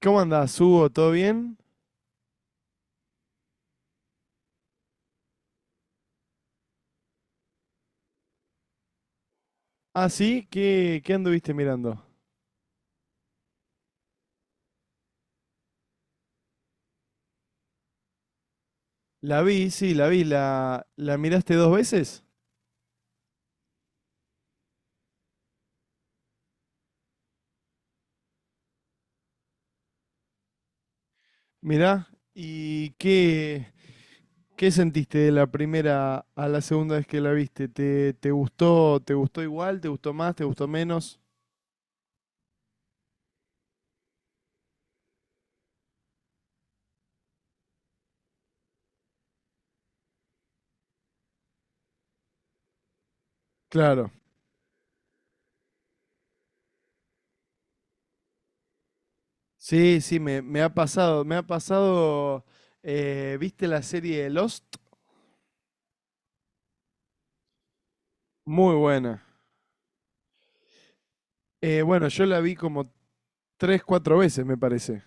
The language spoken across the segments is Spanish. ¿Cómo andás, Hugo? ¿Todo bien? Ah, sí, ¿qué anduviste mirando? La vi, sí, la vi. ¿La miraste dos veces? Mirá. ¿Y qué, qué sentiste de la primera a la segunda vez que la viste? ¿Te gustó, te gustó igual? ¿Te gustó más? ¿Te gustó menos? Claro. Sí, sí, me ha pasado. Me ha pasado. ¿Viste la serie Lost? Muy buena. Bueno, yo la vi como tres, cuatro veces, me parece.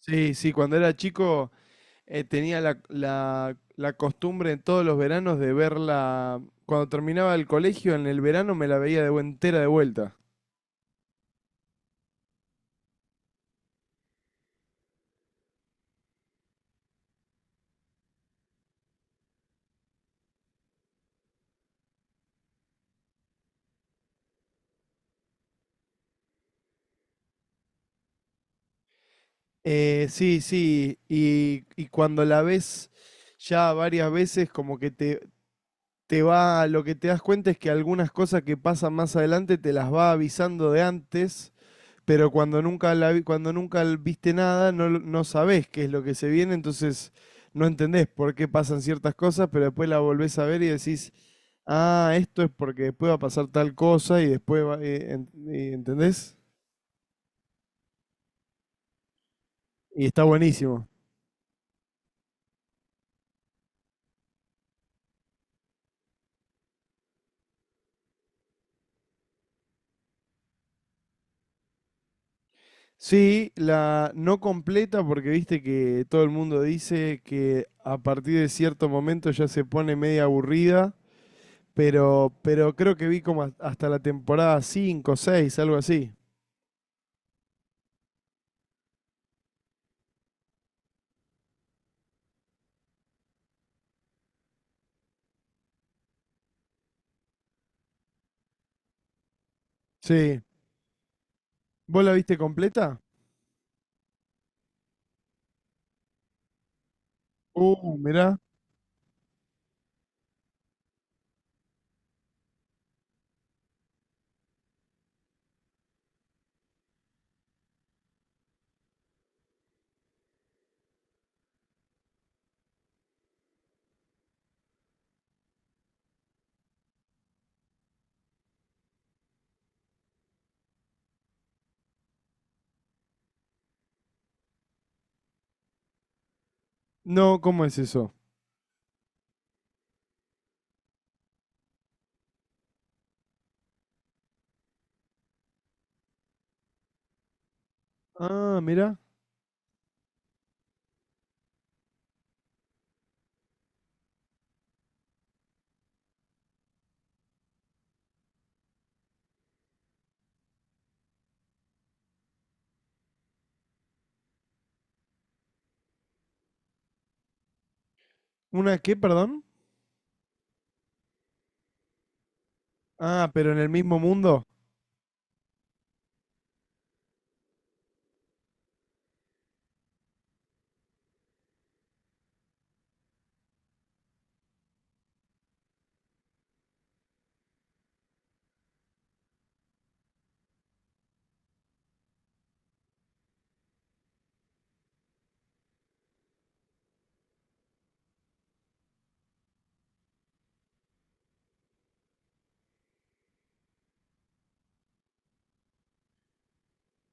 Sí, sí, cuando era chico. Tenía la, la costumbre en todos los veranos de verla. Cuando terminaba el colegio, en el verano me la veía de entera de vuelta. Sí, sí. Y cuando la ves ya varias veces, como que te va. Lo que te das cuenta es que algunas cosas que pasan más adelante te las va avisando de antes. Pero cuando nunca la cuando nunca viste nada, no, no sabés qué es lo que se viene, entonces no entendés por qué pasan ciertas cosas, pero después la volvés a ver y decís, ah, esto es porque después va a pasar tal cosa y después va, ¿entendés? Y está buenísimo. Sí, la no completa porque viste que todo el mundo dice que a partir de cierto momento ya se pone media aburrida, pero creo que vi como hasta la temporada 5, 6, algo así. Sí. ¿Vos la viste completa? Mirá. No, ¿cómo es eso? Ah, mirá. ¿Una qué, perdón? Ah, pero en el mismo mundo.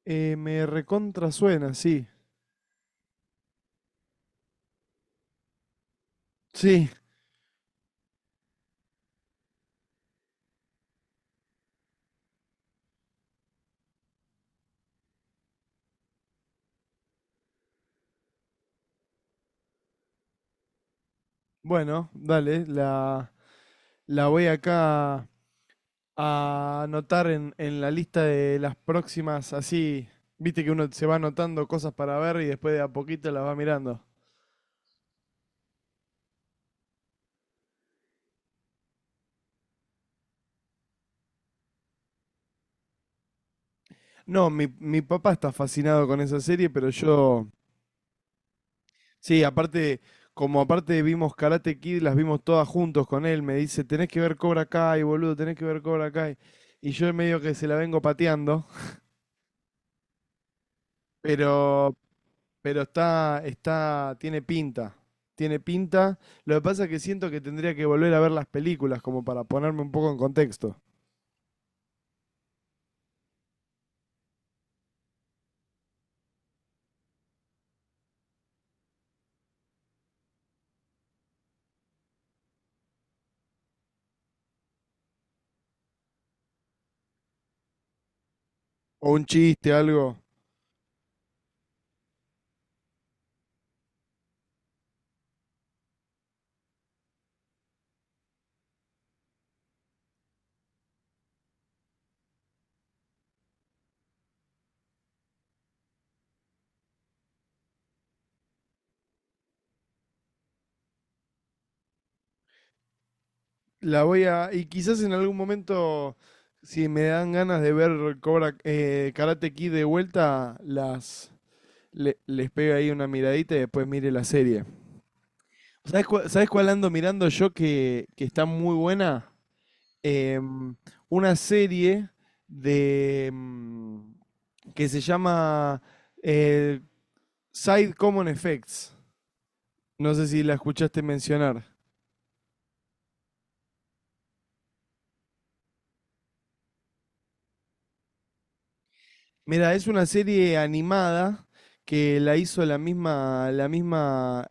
Me recontra suena, sí. Sí, bueno, dale, la voy acá a anotar en la lista de las próximas, así, viste que uno se va anotando cosas para ver y después de a poquito las va mirando. No, mi papá está fascinado con esa serie, pero yo, sí, aparte, como aparte vimos Karate Kid, las vimos todas juntos con él, me dice, tenés que ver Cobra Kai, boludo, tenés que ver Cobra Kai. Y yo medio que se la vengo pateando, pero, Pero está, está, tiene pinta, tiene pinta. Lo que pasa es que siento que tendría que volver a ver las películas como para ponerme un poco en contexto. O un chiste, algo. La voy a, y quizás en algún momento, si me dan ganas de ver Cobra, Karate Kid de vuelta, las, les pego ahí una miradita y después mire la serie. Sabes cuál ando mirando yo que está muy buena? em, una serie de que se llama eh, Side Common Effects. No sé si la escuchaste mencionar. Mira, es una serie animada que la hizo la misma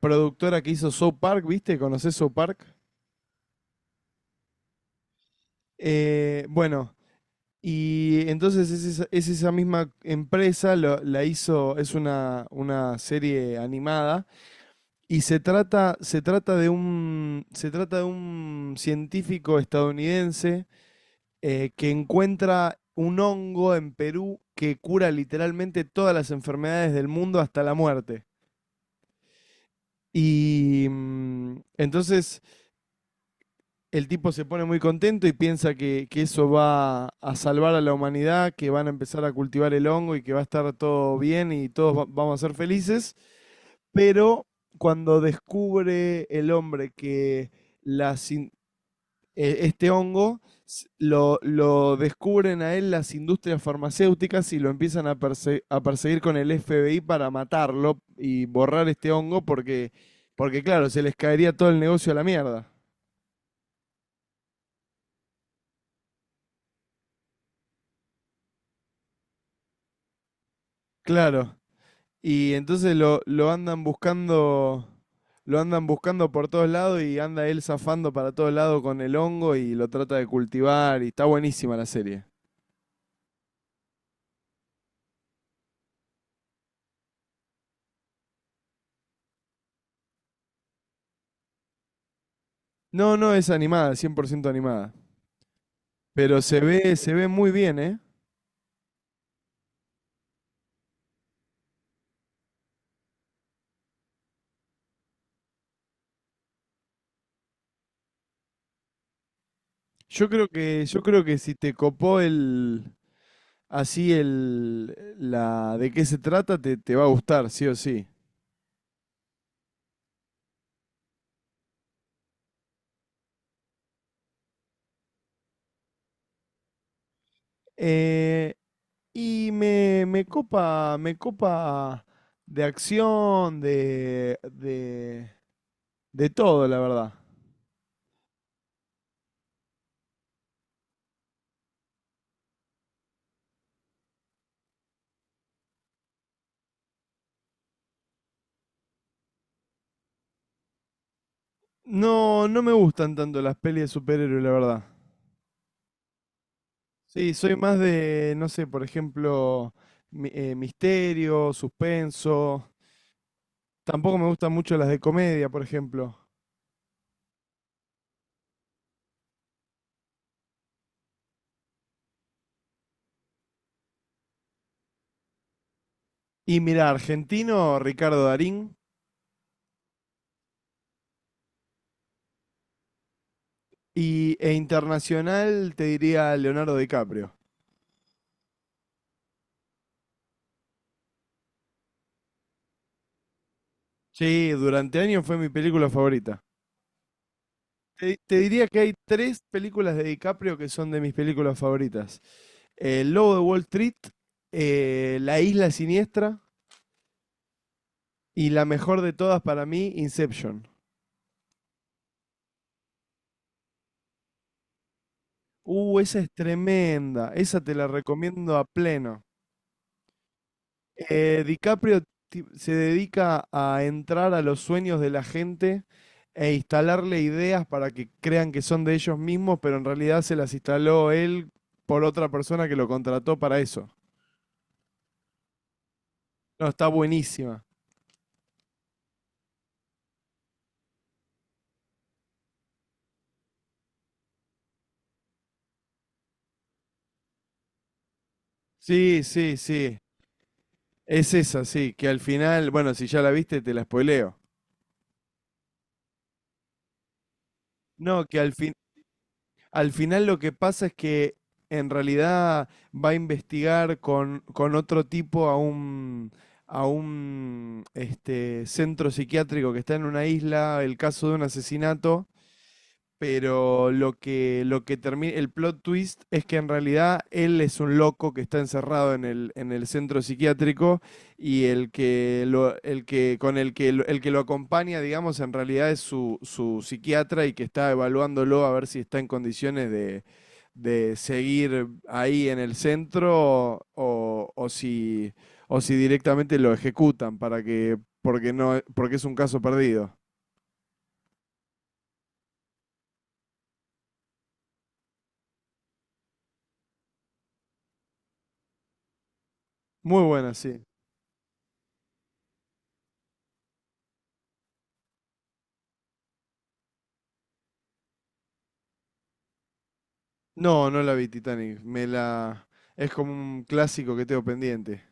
productora que hizo South Park, ¿viste? ¿Conoces South Park? Bueno, y entonces es esa misma empresa, la hizo, es una serie animada. Y se trata de un, se trata de un científico estadounidense que encuentra un hongo en Perú que cura literalmente todas las enfermedades del mundo hasta la muerte. Y entonces el tipo se pone muy contento y piensa que eso va a salvar a la humanidad, que van a empezar a cultivar el hongo y que va a estar todo bien y todos vamos a ser felices. Pero cuando descubre el hombre que las in- este hongo lo descubren a él las industrias farmacéuticas y lo empiezan a, a perseguir con el FBI para matarlo y borrar este hongo porque, porque claro, se les caería todo el negocio a la mierda. Claro. Y entonces lo andan buscando por todos lados y anda él zafando para todos lados con el hongo y lo trata de cultivar y está buenísima la serie. No, no es animada, 100% animada, pero se ve muy bien, ¿eh? Yo creo que si te copó el, así el, la de qué se trata, te va a gustar, sí o sí. Eh, y me, me copa de acción, de todo, la verdad. No, no me gustan tanto las pelis de superhéroes, la verdad. Sí, soy más de, no sé, por ejemplo, misterio, suspenso. Tampoco me gustan mucho las de comedia, por ejemplo. Y mira, argentino, Ricardo Darín. Y, e internacional, te diría Leonardo DiCaprio. Sí, durante años fue mi película favorita. Te diría que hay tres películas de DiCaprio que son de mis películas favoritas. El Lobo de Wall Street, La Isla Siniestra y la mejor de todas para mí, Inception. Esa es tremenda. Esa te la recomiendo a pleno. DiCaprio se dedica a entrar a los sueños de la gente e instalarle ideas para que crean que son de ellos mismos, pero en realidad se las instaló él por otra persona que lo contrató para eso. No, está buenísima. Sí, sí, sí. Es esa, sí, que al final, bueno, si ya la viste, te la spoileo. No, que al fin, al final lo que pasa es que en realidad va a investigar con otro tipo a un este, centro psiquiátrico que está en una isla, el caso de un asesinato, pero lo que termina, el plot twist es que en realidad él es un loco que está encerrado en el centro psiquiátrico y el que, lo, el que con el que, el que lo acompaña, digamos, en realidad es su, su psiquiatra y que está evaluándolo a ver si está en condiciones de seguir ahí en el centro o si directamente lo ejecutan para que, porque no, porque es un caso perdido. Muy buena, sí. No, no la vi Titanic. Me la. Es como un clásico que tengo pendiente.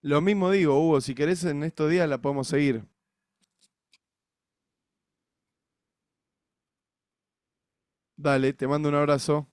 Lo mismo digo, Hugo, si querés en estos días la podemos seguir. Dale, te mando un abrazo.